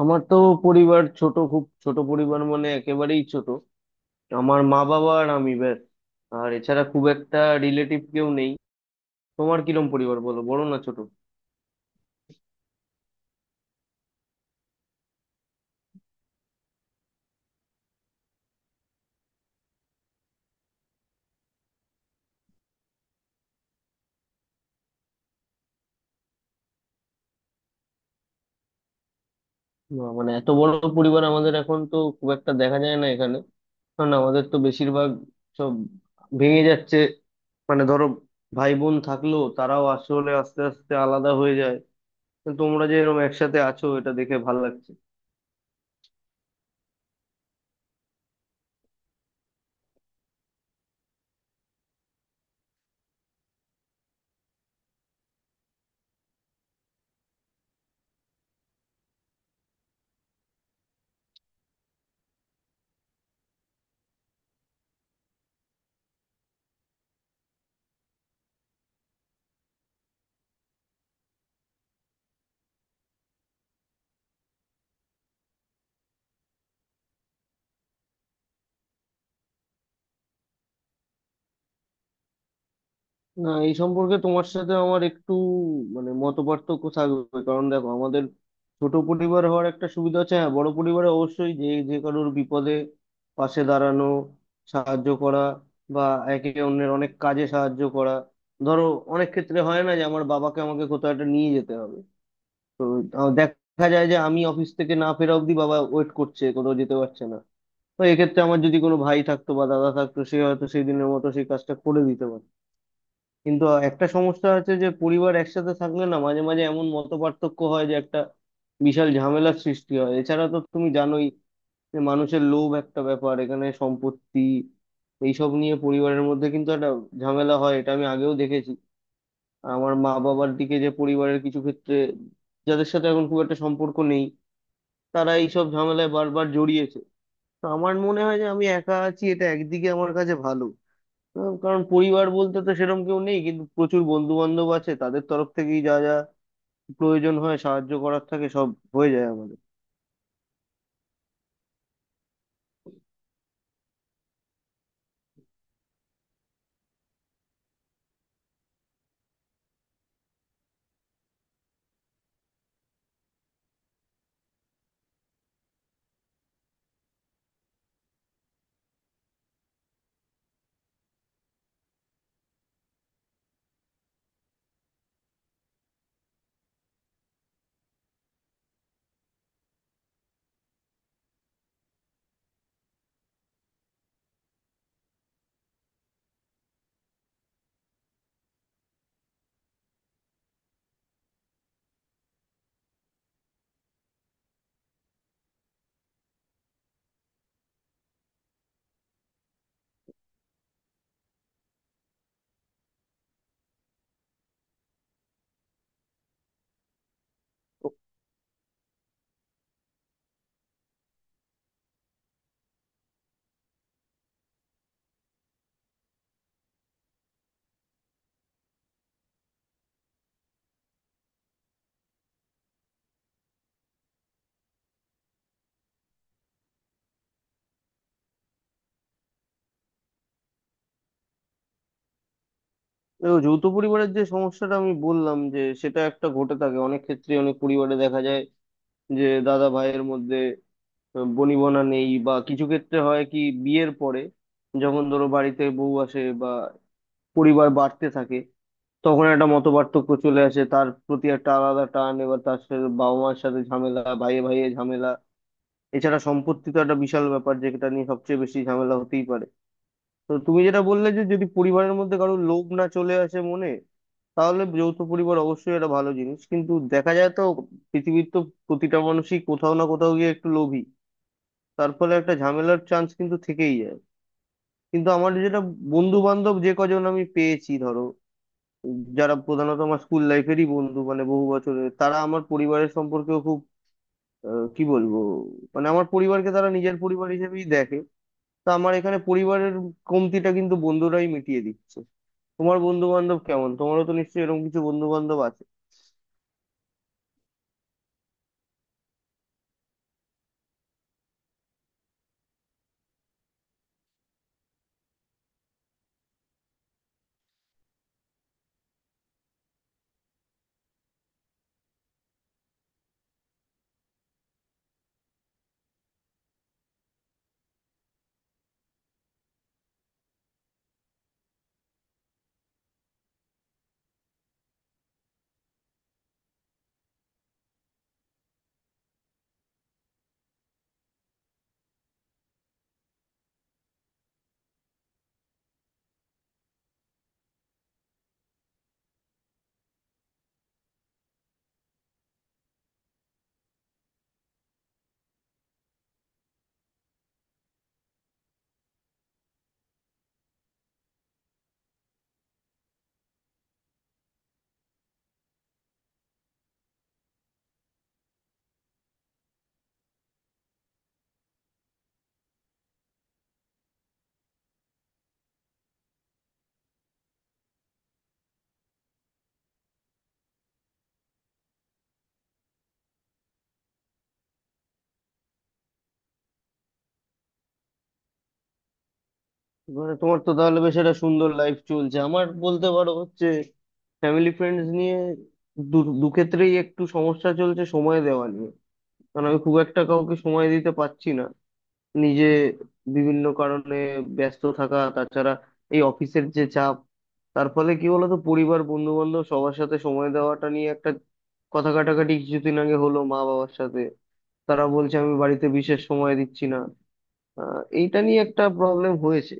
আমার তো পরিবার ছোট, খুব ছোট পরিবার, মানে একেবারেই ছোট। আমার মা বাবা আর আমি, ব্যাস। আর এছাড়া খুব একটা রিলেটিভ কেউ নেই। তোমার কিরম পরিবার বলো, বড় না ছোট? না, মানে এত বড় পরিবার আমাদের এখন তো খুব একটা দেখা যায় না এখানে, কারণ আমাদের তো বেশিরভাগ সব ভেঙে যাচ্ছে। মানে ধরো, ভাই বোন থাকলেও তারাও আসলে আস্তে আস্তে আলাদা হয়ে যায়। তো তোমরা যে এরকম একসাথে আছো, এটা দেখে ভালো লাগছে। না, এই সম্পর্কে তোমার সাথে আমার একটু মানে মত পার্থক্য থাকবে, কারণ দেখো আমাদের ছোট পরিবার হওয়ার একটা সুবিধা আছে। হ্যাঁ, বড় পরিবারে অবশ্যই যে যে কারোর বিপদে পাশে দাঁড়ানো, সাহায্য করা, বা একে অন্যের অনেক কাজে সাহায্য করা। ধরো, অনেক ক্ষেত্রে হয় না যে আমার বাবাকে আমাকে কোথাও একটা নিয়ে যেতে হবে। তো দেখা যায় যে আমি অফিস থেকে না ফেরা অবধি বাবা ওয়েট করছে, কোথাও যেতে পারছে না। তো এক্ষেত্রে আমার যদি কোনো ভাই থাকতো বা দাদা থাকতো, সে হয়তো সেই দিনের মতো সেই কাজটা করে দিতে পারতো। কিন্তু একটা সমস্যা আছে যে পরিবার একসাথে থাকলে না মাঝে মাঝে এমন মতপার্থক্য হয় যে একটা বিশাল ঝামেলার সৃষ্টি হয়। এছাড়া তো তুমি জানোই যে মানুষের লোভ একটা ব্যাপার। এখানে সম্পত্তি এইসব নিয়ে পরিবারের মধ্যে কিন্তু একটা ঝামেলা হয়, এটা আমি আগেও দেখেছি। আর আমার মা বাবার দিকে যে পরিবারের কিছু ক্ষেত্রে, যাদের সাথে এখন খুব একটা সম্পর্ক নেই, তারা এইসব ঝামেলায় বারবার জড়িয়েছে। তো আমার মনে হয় যে আমি একা আছি, এটা একদিকে আমার কাছে ভালো, কারণ পরিবার বলতে তো সেরকম কেউ নেই, কিন্তু প্রচুর বন্ধু বান্ধব আছে। তাদের তরফ থেকেই যা যা প্রয়োজন হয়, সাহায্য করার থাকে, সব হয়ে যায় আমাদের। দেখো, যৌথ পরিবারের যে সমস্যাটা আমি বললাম, যে সেটা একটা ঘটে থাকে অনেক ক্ষেত্রে, অনেক পরিবারে দেখা যায় যে দাদা ভাইয়ের মধ্যে বনিবনা নেই, বা কিছু ক্ষেত্রে হয় কি বিয়ের পরে যখন ধরো বাড়িতে বউ আসে বা পরিবার বাড়তে থাকে, তখন একটা মতপার্থক্য চলে আসে। তার প্রতি একটা আলাদা টান, এবার তার সাথে বাবা মার সাথে ঝামেলা, ভাইয়ে ভাইয়ে ঝামেলা। এছাড়া সম্পত্তি তো একটা বিশাল ব্যাপার, যেটা নিয়ে সবচেয়ে বেশি ঝামেলা হতেই পারে। তো তুমি যেটা বললে যে যদি পরিবারের মধ্যে কারো লোভ না চলে আসে মনে, তাহলে যৌথ পরিবার অবশ্যই একটা ভালো জিনিস। কিন্তু দেখা যায় তো পৃথিবীর তো প্রতিটা মানুষই কোথাও না কোথাও গিয়ে একটু লোভী, তার ফলে একটা ঝামেলার চান্স কিন্তু থেকেই যায়। কিন্তু আমার যেটা, বন্ধু বান্ধব যে কজন আমি পেয়েছি ধরো, যারা প্রধানত আমার স্কুল লাইফেরই বন্ধু, মানে বহু বছরের, তারা আমার পরিবারের সম্পর্কেও খুব কি বলবো, মানে আমার পরিবারকে তারা নিজের পরিবার হিসেবেই দেখে। তা আমার এখানে পরিবারের কমতিটা কিন্তু বন্ধুরাই মিটিয়ে দিচ্ছে। তোমার বন্ধু বান্ধব কেমন? তোমারও তো নিশ্চয়ই এরকম কিছু বন্ধু বান্ধব আছে। মানে তোমার তো তাহলে বেশ একটা সুন্দর লাইফ চলছে। আমার বলতে পারো হচ্ছে ফ্যামিলি ফ্রেন্ডস নিয়ে দু দু ক্ষেত্রেই একটু সমস্যা চলছে সময় দেওয়া নিয়ে। কারণ আমি খুব একটা কাউকে সময় দিতে পারছি না, নিজে বিভিন্ন কারণে ব্যস্ত থাকা। তাছাড়া এই অফিসের যে চাপ, তার ফলে কি বলতো পরিবার বন্ধু বান্ধব সবার সাথে সময় দেওয়াটা নিয়ে একটা কথা কাটাকাটি কিছুদিন আগে হলো মা বাবার সাথে। তারা বলছে আমি বাড়িতে বিশেষ সময় দিচ্ছি না। এইটা নিয়ে একটা প্রবলেম হয়েছে।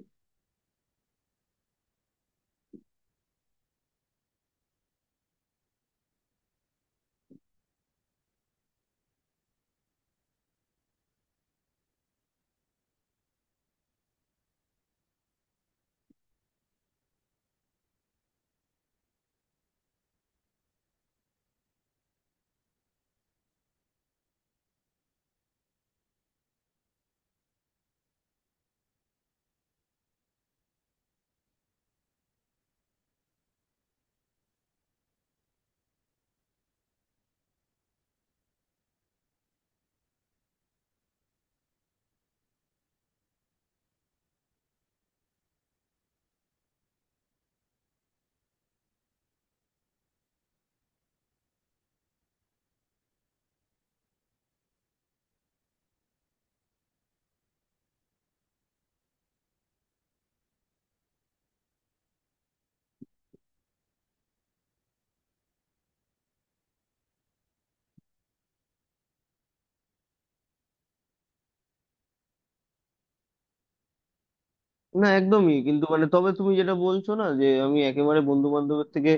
না, একদমই কিন্তু মানে, তবে তুমি যেটা বলছো না যে আমি একেবারে বন্ধু বান্ধবের থেকে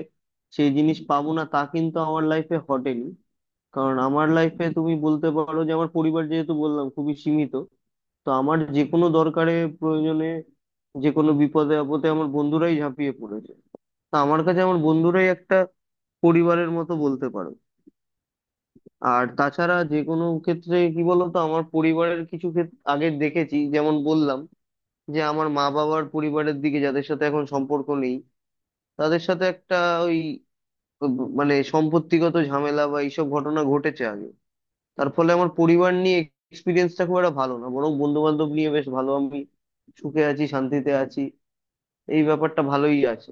সেই জিনিস পাবো না, তা কিন্তু আমার লাইফে ঘটেনি। কারণ আমার লাইফে তুমি বলতে পারো যে আমার পরিবার, যেহেতু বললাম, খুবই সীমিত। তো আমার যে কোনো দরকারে, প্রয়োজনে, যে কোনো বিপদে আপদে আমার বন্ধুরাই ঝাঁপিয়ে পড়েছে। তা আমার কাছে আমার বন্ধুরাই একটা পরিবারের মতো, বলতে পারো। আর তাছাড়া যে কোনো ক্ষেত্রে কি বলতো, আমার পরিবারের কিছু ক্ষেত্রে আগে দেখেছি যেমন বললাম, যে আমার মা বাবার পরিবারের দিকে যাদের সাথে এখন সম্পর্ক নেই, তাদের সাথে একটা ওই মানে সম্পত্তিগত ঝামেলা বা এইসব ঘটনা ঘটেছে আগে। তার ফলে আমার পরিবার নিয়ে এক্সপিরিয়েন্সটা খুব একটা ভালো না, বরং বন্ধু বান্ধব নিয়ে বেশ ভালো। আমি সুখে আছি, শান্তিতে আছি, এই ব্যাপারটা ভালোই আছে।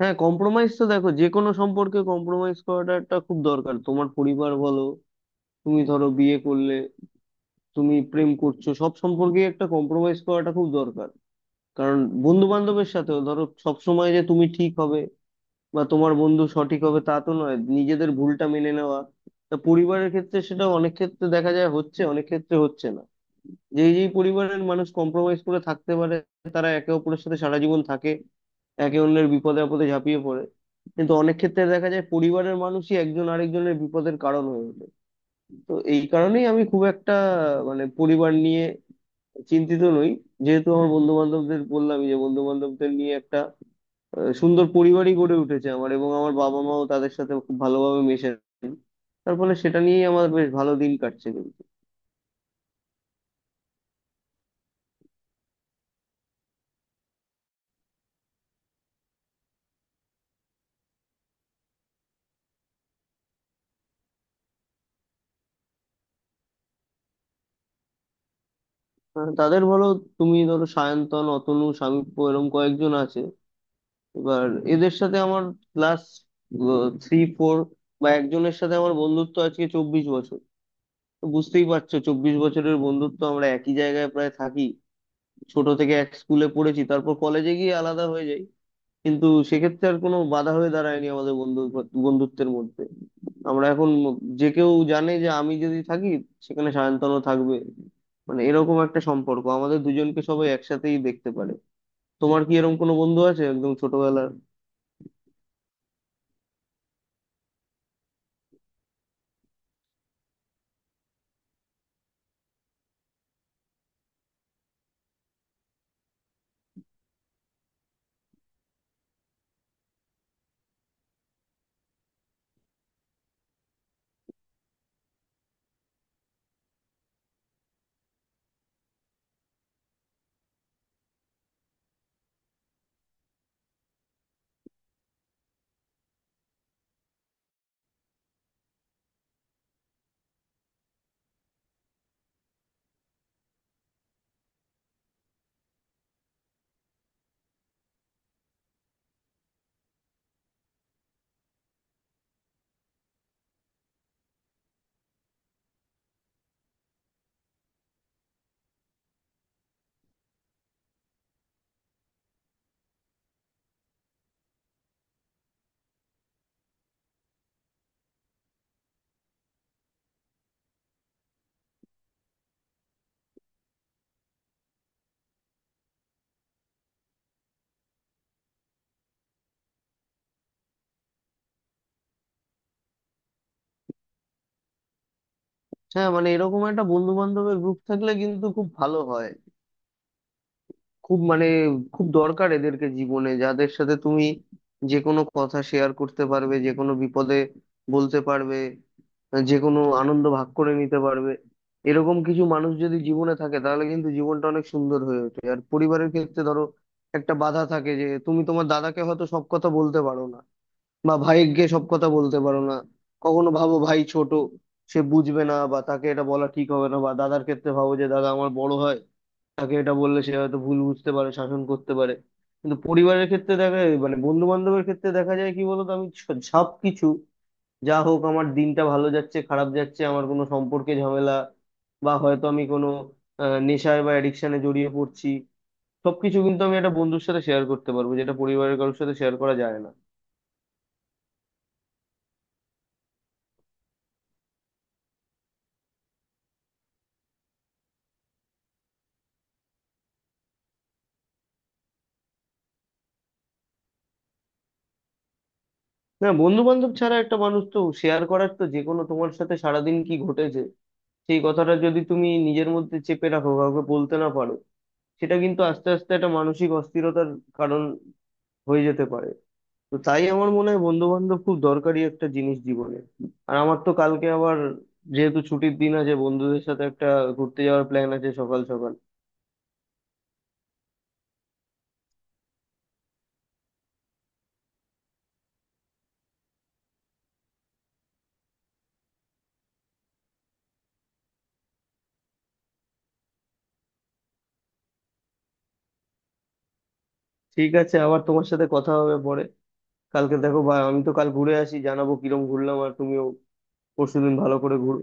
হ্যাঁ, কম্প্রোমাইজ তো দেখো যে কোনো সম্পর্কে কম্প্রোমাইজ করাটা একটা খুব দরকার। তোমার পরিবার বলো, তুমি ধরো বিয়ে করলে, তুমি প্রেম করছো, সব সম্পর্কেই একটা কম্প্রোমাইজ করাটা খুব দরকার। কারণ বন্ধু বান্ধবের সাথেও ধরো সব সময় যে তুমি ঠিক হবে বা তোমার বন্ধু সঠিক হবে তা তো নয়, নিজেদের ভুলটা মেনে নেওয়া। তা পরিবারের ক্ষেত্রে সেটা অনেক ক্ষেত্রে দেখা যায় হচ্ছে, অনেক ক্ষেত্রে হচ্ছে না। যেই যেই পরিবারের মানুষ কম্প্রোমাইজ করে থাকতে পারে, তারা একে অপরের সাথে সারা জীবন থাকে, একে অন্যের বিপদে আপদে ঝাঁপিয়ে পড়ে। কিন্তু অনেক ক্ষেত্রে দেখা যায় পরিবারের মানুষই একজন আরেকজনের বিপদের কারণ হয়ে ওঠে। তো এই কারণেই আমি খুব একটা মানে পরিবার নিয়ে চিন্তিত নই, যেহেতু আমার বন্ধু বান্ধবদের বললামই যে বন্ধু বান্ধবদের নিয়ে একটা সুন্দর পরিবারই গড়ে উঠেছে আমার, এবং আমার বাবা মাও তাদের সাথে খুব ভালোভাবে মেশে। তার ফলে সেটা নিয়েই আমার বেশ ভালো দিন কাটছে কিন্তু। তাদের বলো, তুমি ধরো সায়ন্তন, অতনু, শামীপ্য, এরকম কয়েকজন আছে। এবার এদের সাথে আমার ক্লাস থ্রি ফোর, বা একজনের সাথে আমার বন্ধুত্ব আজকে 24 বছর। তো বুঝতেই পারছো, 24 বছরের বন্ধুত্ব। আমরা একই জায়গায় প্রায় থাকি, ছোট থেকে এক স্কুলে পড়েছি, তারপর কলেজে গিয়ে আলাদা হয়ে যাই। কিন্তু সেক্ষেত্রে আর কোনো বাধা হয়ে দাঁড়ায়নি আমাদের বন্ধুত্বের মধ্যে। আমরা এখন, যে কেউ জানে যে আমি যদি থাকি সেখানে সায়ন্তনও থাকবে। মানে এরকম একটা সম্পর্ক, আমাদের দুজনকে সবাই একসাথেই দেখতে পারে। তোমার কি এরকম কোনো বন্ধু আছে একদম ছোটবেলার? হ্যাঁ, মানে এরকম একটা বন্ধু বান্ধবের গ্রুপ থাকলে কিন্তু খুব ভালো হয়। খুব মানে, খুব দরকার এদেরকে জীবনে, যাদের সাথে তুমি যে কোনো কথা শেয়ার করতে পারবে, যে কোনো বিপদে বলতে পারবে, যে কোনো আনন্দ ভাগ করে নিতে পারবে। এরকম কিছু মানুষ যদি জীবনে থাকে তাহলে কিন্তু জীবনটা অনেক সুন্দর হয়ে ওঠে। আর পরিবারের ক্ষেত্রে ধরো, একটা বাধা থাকে যে তুমি তোমার দাদাকে হয়তো সব কথা বলতে পারো না, বা ভাইকে সব কথা বলতে পারো না। কখনো ভাবো, ভাই ছোট, সে বুঝবে না, বা তাকে এটা বলা ঠিক হবে না। বা দাদার ক্ষেত্রে ভাবো যে দাদা আমার বড় হয়, তাকে এটা বললে সে হয়তো ভুল বুঝতে পারে, শাসন করতে পারে। কিন্তু পরিবারের ক্ষেত্রে দেখা, মানে বন্ধু বান্ধবের ক্ষেত্রে দেখা যায় কি বলতো, আমি সব কিছু, যা হোক আমার দিনটা ভালো যাচ্ছে, খারাপ যাচ্ছে, আমার কোনো সম্পর্কে ঝামেলা, বা হয়তো আমি কোনো নেশায় বা অ্যাডিকশনে জড়িয়ে পড়ছি, সবকিছু কিন্তু আমি একটা বন্ধুর সাথে শেয়ার করতে পারবো, যেটা পরিবারের কারোর সাথে শেয়ার করা যায় না। না, বন্ধু বান্ধব ছাড়া একটা মানুষ তো শেয়ার করার তো, যে কোনো তোমার সাথে সারাদিন কি ঘটেছে, সেই কথাটা যদি তুমি নিজের মধ্যে চেপে রাখো, কাউকে বলতে না পারো, সেটা কিন্তু আস্তে আস্তে একটা মানসিক অস্থিরতার কারণ হয়ে যেতে পারে। তো তাই আমার মনে হয় বন্ধু বান্ধব খুব দরকারি একটা জিনিস জীবনে। আর আমার তো কালকে আবার, যেহেতু ছুটির দিন আছে, বন্ধুদের সাথে একটা ঘুরতে যাওয়ার প্ল্যান আছে সকাল সকাল। ঠিক আছে, আবার তোমার সাথে কথা হবে পরে। কালকে দেখো, বা আমি তো কাল ঘুরে আসি, জানাবো কিরম ঘুরলাম, আর তুমিও পরশুদিন ভালো করে ঘুরো।